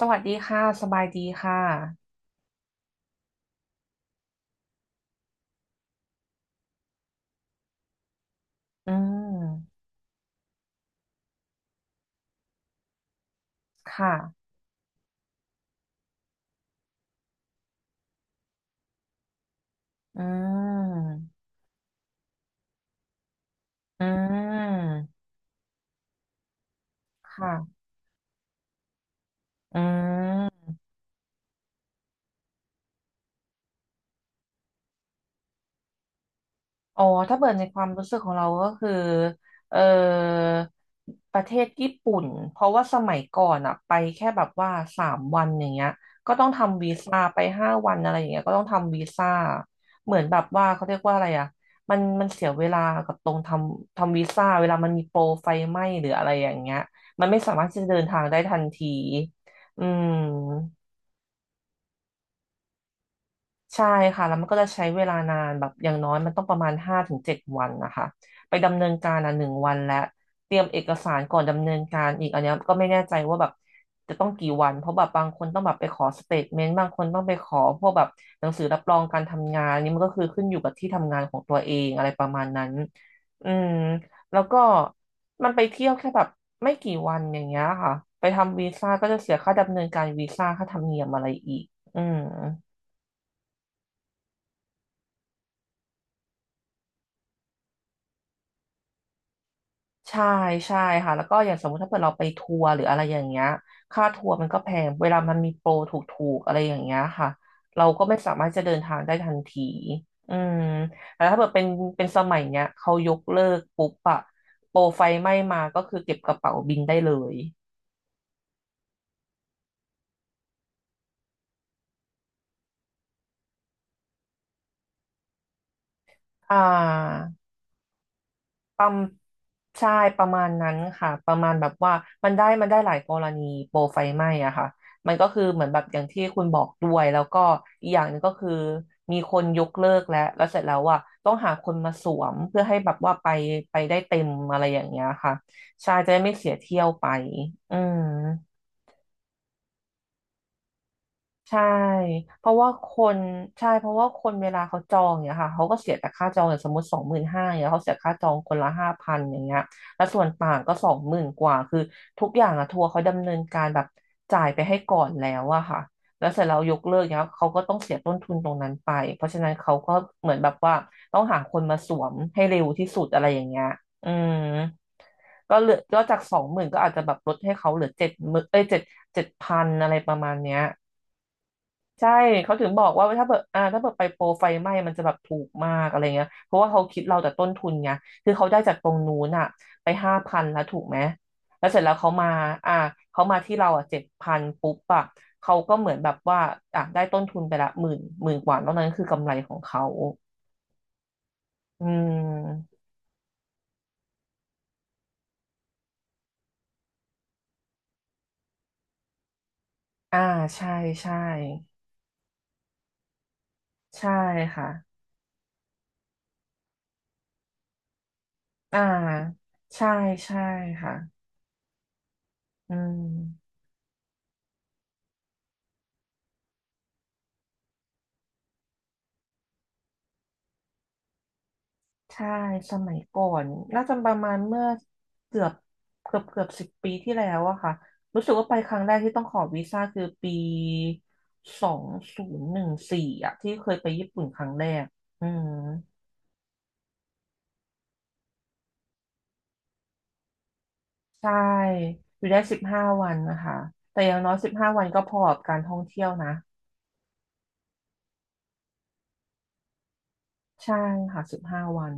สวัสดีค่ะ สบายดีค่ะ อืม ค่ะ อืม อืม ค่ะ อืม อ๋อถ้าเปิดในความรู้สึกของเราก็คือเออประเทศญี่ปุ่นเพราะว่าสมัยก่อนอะไปแค่แบบว่า3 วันอย่างเงี้ยก็ต้องทำวีซ่าไปห้าวันอะไรอย่างเงี้ยก็ต้องทำวีซ่าเหมือนแบบว่าเขาเรียกว่าอะไรอะมันเสียเวลากับตรงทำวีซ่าเวลามันมีโปรไฟไหม้หรืออะไรอย่างเงี้ยมันไม่สามารถที่จะเดินทางได้ทันทีอืม ใช่ค่ะแล้วมันก็จะใช้เวลานานแบบอย่างน้อยมันต้องประมาณ5 ถึง 7 วันนะคะไปดำเนินการอ่ะ1 วันและเตรียมเอกสารก่อนดำเนินการอีกอันเนี้ยก็ไม่แน่ใจว่าแบบจะต้องกี่วันเพราะแบบบางคนต้องแบบไปขอสเตทเมนต์บางคนต้องไปขอพวกแบบหนังสือรับรองการทำงานอันนี่มันก็คือขึ้นอยู่กับที่ทำงานของตัวเองอะไรประมาณนั้นอืมแล้วก็มันไปเที่ยวแค่แบบไม่กี่วันอย่างเงี้ยค่ะไปทำวีซ่าก็จะเสียค่าดำเนินการวีซ่าค่าธรรมเนียมอะไรอีกอืม ใช่ใช่ค่ะแล้วก็อย่างสมมติถ้าเกิดเราไปทัวร์หรืออะไรอย่างเงี้ยค่าทัวร์มันก็แพงเวลามันมีโปรถูกๆอะไรอย่างเงี้ยค่ะเราก็ไม่สามารถจะเดินทางได้ทันทีอืมแต่ถ้าเกิดเป็นสมัยเนี้ยเขายกเลิกปุ๊บอะโปรไฟไหม้มาก็คือเก็บกระเป๋าบินได้เลยอ่า ประมใช่ประมาณนั้นค่ะประมาณแบบว่ามันได้มันได้หลายกรณีโปรไฟไหม้อะค่ะมันก็คือเหมือนแบบอย่างที่คุณบอกด้วยแล้วก็อีกอย่างหนึงก็คือมีคนยกเลิกแล้วแล้วเสร็จแล้วอะต้องหาคนมาสวมเพื่อให้แบบว่าไปได้เต็มอะไรอย่างเงี้ยค่ะใช่จะได้ไม่เสียเที่ยวไปอืม ใช่เพราะว่าคนใช่เพราะว่าคนเวลาเขาจองเนี่ยค่ะเขาก็เสียแต่ค่าจองอย่างสมมติ25,000เนี่ยเขาเสียค่าจองคนละห้าพันอย่างเงี้ยแล้วส่วนต่างก็สองหมื่นกว่าคือทุกอย่างอะทัวร์เขาดำเนินการแบบจ่ายไปให้ก่อนแล้วอะค่ะแล้วเสร็จแล้วยกเลิกเนี่ยเขาก็ต้องเสียต้นทุนตรงนั้นไปเพราะฉะนั้นเขาก็เหมือนแบบว่าต้องหาคนมาสวมให้เร็วที่สุดอะไรอย่างเงี้ยอืมก็เหลือก็จากสองหมื่นก็อาจจะแบบลดให้เขาเหลือ70,000เอ้ยเจ็ดพันอะไรประมาณเนี้ย ใช่เขาถึงบอกว่าถ้าเปิดอ่าถ้าเปิดไปโปรไฟไหม้มันจะแบบถูกมากอะไรเงี้ยเพราะว่าเขาคิดเราแต่ต้นทุนไงคือเขาได้จากตรงนู้นอ่ะไปห้าพันแล้วถูกไหมแล้วเสร็จแล้วเขามาอ่าเขามาที่เราอ่ะเจ็ดพันปุ๊บอ่ะเขาก็เหมือนแบบว่าอ่ะได้ต้นทุนไปละหมื่นหมื่นกว่าแล้วนั้นคือกำไรของเขาอืมอ่าใช่ใช่ใช่ค่ะอ่าใช่ใช่ค่ะอืม ใช่สมัยก่อนน่าจะประมาณเมื่อเกือบเกือบ10 ปีที่แล้วอะค่ะรู้สึกว่าไปครั้งแรกที่ต้องขอวีซ่าคือปี2014อะที่เคยไปญี่ปุ่นครั้งแรกอืมใช่อยู่ได้สิบห้าวันนะคะแต่อย่างน้อยสิบห้าวันก็พอกับการท่องเที่ยวนะใช่ค่ะสิบห้าวัน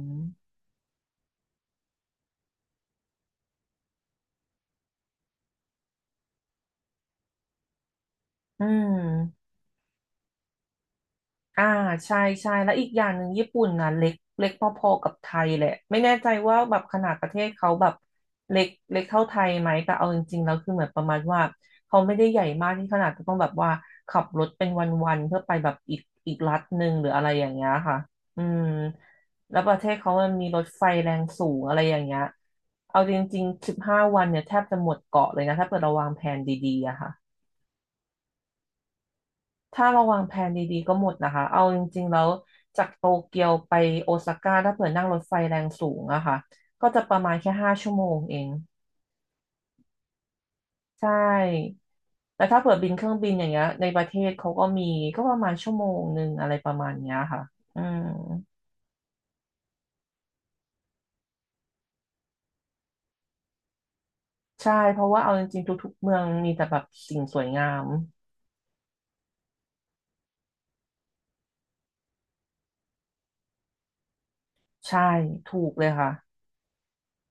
อืม อ่าใช่ใช่แล้วอีกอย่างหนึ่งญี่ปุ่นนะเล็กเล็กพอๆกับไทยแหละไม่แน่ใจว่าแบบขนาดประเทศเขาแบบเล็กเล็กเท่าไทยไหมแต่เอาจริงๆแล้วคือเหมือนประมาณว่าเขาไม่ได้ใหญ่มากที่ขนาดจะต้องแบบว่าขับรถเป็นวันๆเพื่อไปแบบอีกอีกรัฐหนึ่งหรืออะไรอย่างเงี้ยค่ะอืมแล้วประเทศเขามันมีรถไฟแรงสูงอะไรอย่างเงี้ยเอาจริงๆสิบห้าวันเนี่ยแทบจะหมดเกาะเลยนะถ้าเกิดเราวางแผนดีๆอะค่ะ ถ้าเราวางแผนดีๆก็หมดนะคะ เอาจริงๆแล้วจากโตเกียวไปโอซาก้าถ้าเผื่อนั่งรถไฟแรงสูงอะค่ะก็จะประมาณแค่5 ชั่วโมงเองใช่แต่ถ้าเผื่อบินเครื่องบินอย่างเงี้ยในประเทศเขาก็มีก็ประมาณ1 ชั่วโมงอะไรประมาณเนี้ยค่ะอืมใช่เพราะว่าเอาจริงๆทุกๆเมืองมีแต่แบบสิ่งสวยงามใช่ถูกเลยค่ะ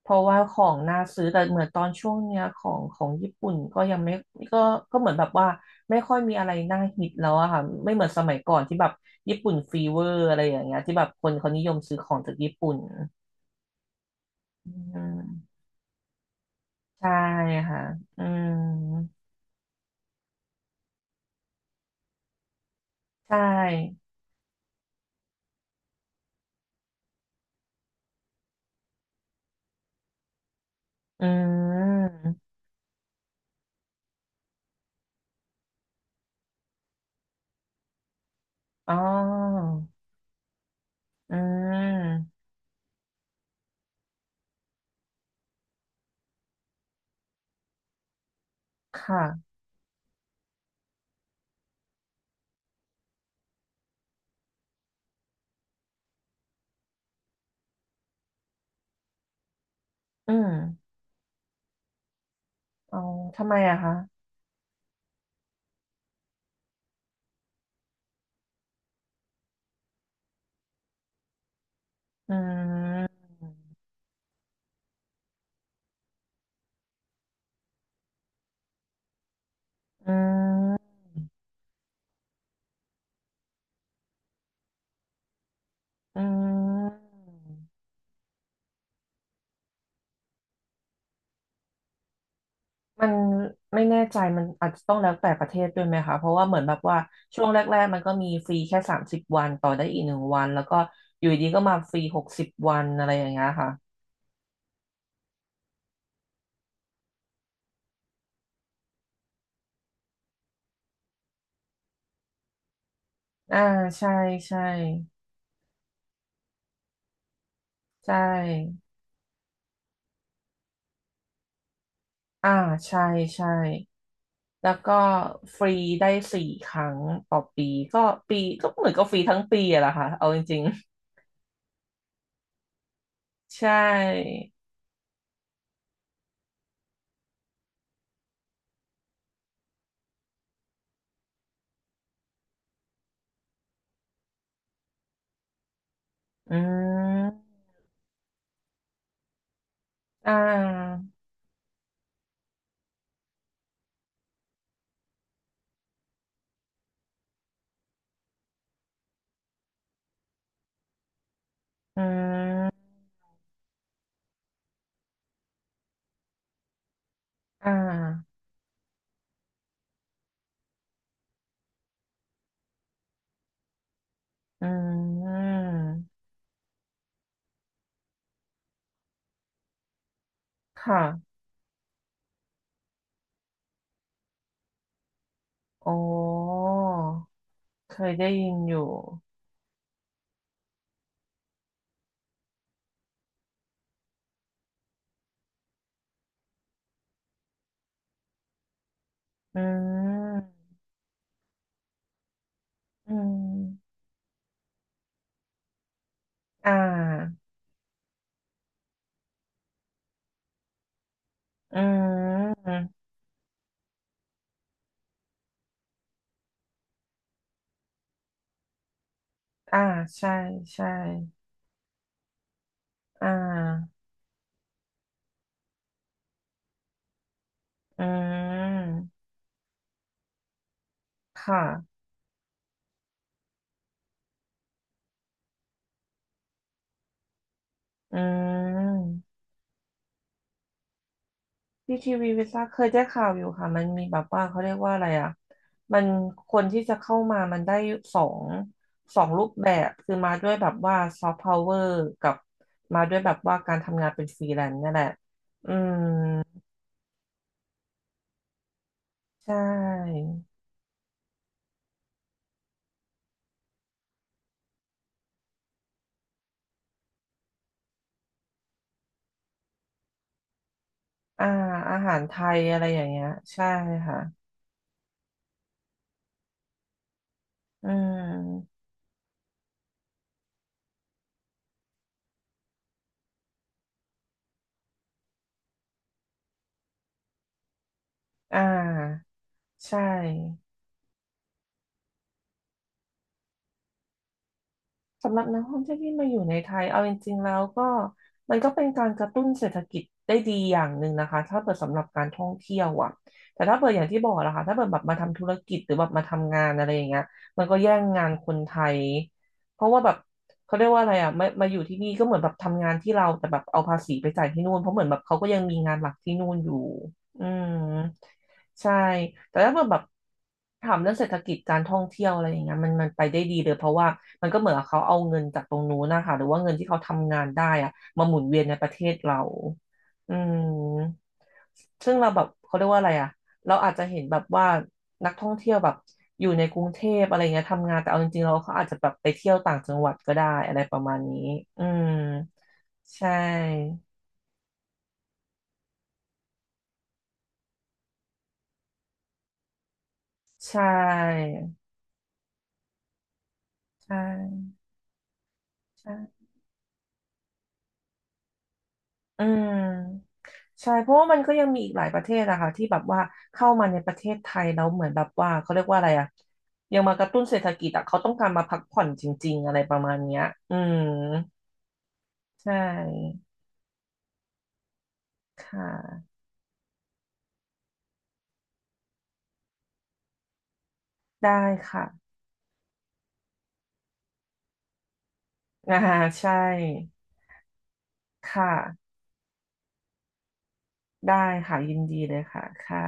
เพราะว่าของน่าซื้อแต่เหมือนตอนช่วงเนี้ยของญี่ปุ่นก็ยังไม่ก็ก็เหมือนแบบว่าไม่ค่อยมีอะไรน่าฮิตแล้วอะค่ะไม่เหมือนสมัยก่อนที่แบบญี่ปุ่นฟีเวอร์อะไรอย่างเงี้ยที่แบบคนเขานิยมซื้อของจากญี่ปุ่นอืมใช่ค่ะอืมใช่อืมอ๋ออืมค่ะอืมอ๋อทำไมอะคะอืมอืมอืม มันไม่แน่ใจมันอาจจะต้องแล้วแต่ประเทศด้วยไหมคะเพราะว่าเหมือนแบบว่าช่วงแรกๆมันก็มีฟรีแค่30 วันต่อได้อีกหนึ่งวันแล้วก็อยู่ดีก็มาฟรี60 วันอะไรอย่างเงี้ยค่ะอ่าใช่ใช่ใช่อ่าใช่ใช่แล้วก็ฟรีได้4 ครั้งต่อปีก็ปีก็เหมือนก็ฟรีทั้งปีอะแหละค่ะเอาจริงๆใช่อืมอ่าอืมอ่าอืมค่ะ อ๋อเคยได้ยินอยู่อืมอืมอ่าอืมอ่าใช่ใช่อ่าอืมค่ะอืมพีทีวีวิซ่าเคยได้ข่าวอยู่ค่ะมันมีแบบว่าเขาเรียกว่าอะไรอ่ะมันคนที่จะเข้ามามันได้สองสองรูปแบบคือมาด้วยแบบว่าซอฟต์พาวเวอร์กับมาด้วยแบบว่าการทำงานเป็นฟรีแลนซ์เนี่ยแหละอืมใช่ อ่าอาหารไทยอะไรอย่างเงี้ยใช่ค่ะอืมอ่าใช่สำหรับนักท่องเที่ยวที่มาอยู่ในไทยเอาจริงๆแล้วก็มันก็เป็นการกระตุ้นเศรษฐกิจได้ดีอย่างหนึ่งนะคะถ้าเปิดสำหรับการท่องเที่ยวอ่ะแต่ถ้าเปิดอย่างที่บอกนะคะถ้าเปิดแบบมาทำธุรกิจหรือแบบมาทำงานอะไรอย่างเงี้ยมันก็แย่งงานคนไทยเพราะว่าแบบเขาเรียกว่าอะไรอ่ะมาอยู่ที่นี่ก็เหมือนแบบทำงานที่เราแต่แบบเอาภาษีไปจ่ายที่นู่นเพราะเหมือนแบบเขาก็ยังมีงานหลักที่นู่นอยู่อืม ใช่แต่ถ้าเกิดแบบถามเรื่องเศรษฐกิจการท่องเที่ยวอะไรอย่างเงี้ยมันไปได้ดีเลยเพราะว่ามันก็เหมือนกับเขาเอาเงินจากตรงนู้นนะคะหรือว่าเงินที่เขาทำงานได้อะมาหมุนเวียนในประเทศเราอืมซึ่งเราแบบเขาเรียกว่าอะไรอะเราอาจจะเห็นแบบว่านักท่องเที่ยวแบบอยู่ในกรุงเทพอะไรเงี้ยทำงานแต่เอาจริงๆเราเขาอาจจะแบบไปเที่ยวต่างจังหวัดก็ได้อะไรประมาณนี้อืมใช่ใช่ใช่ใช่ อืมใช่เพราะว่ามันก็ยังมีอีกหลายประเทศอะค่ะที่แบบว่าเข้ามาในประเทศไทยแล้วเหมือนแบบว่าเขาเรียกว่าอะไรอะยังมากระตุ้นเศรษฐกิจอะเขาต้องการมาพักผ่อนจริงๆอะไรประมาณเนี้ยอืมใช่ค่ะได้ค่ะ อ่าใช่ค่ะได้ค่ะยินดีเลยค่ะค่ะ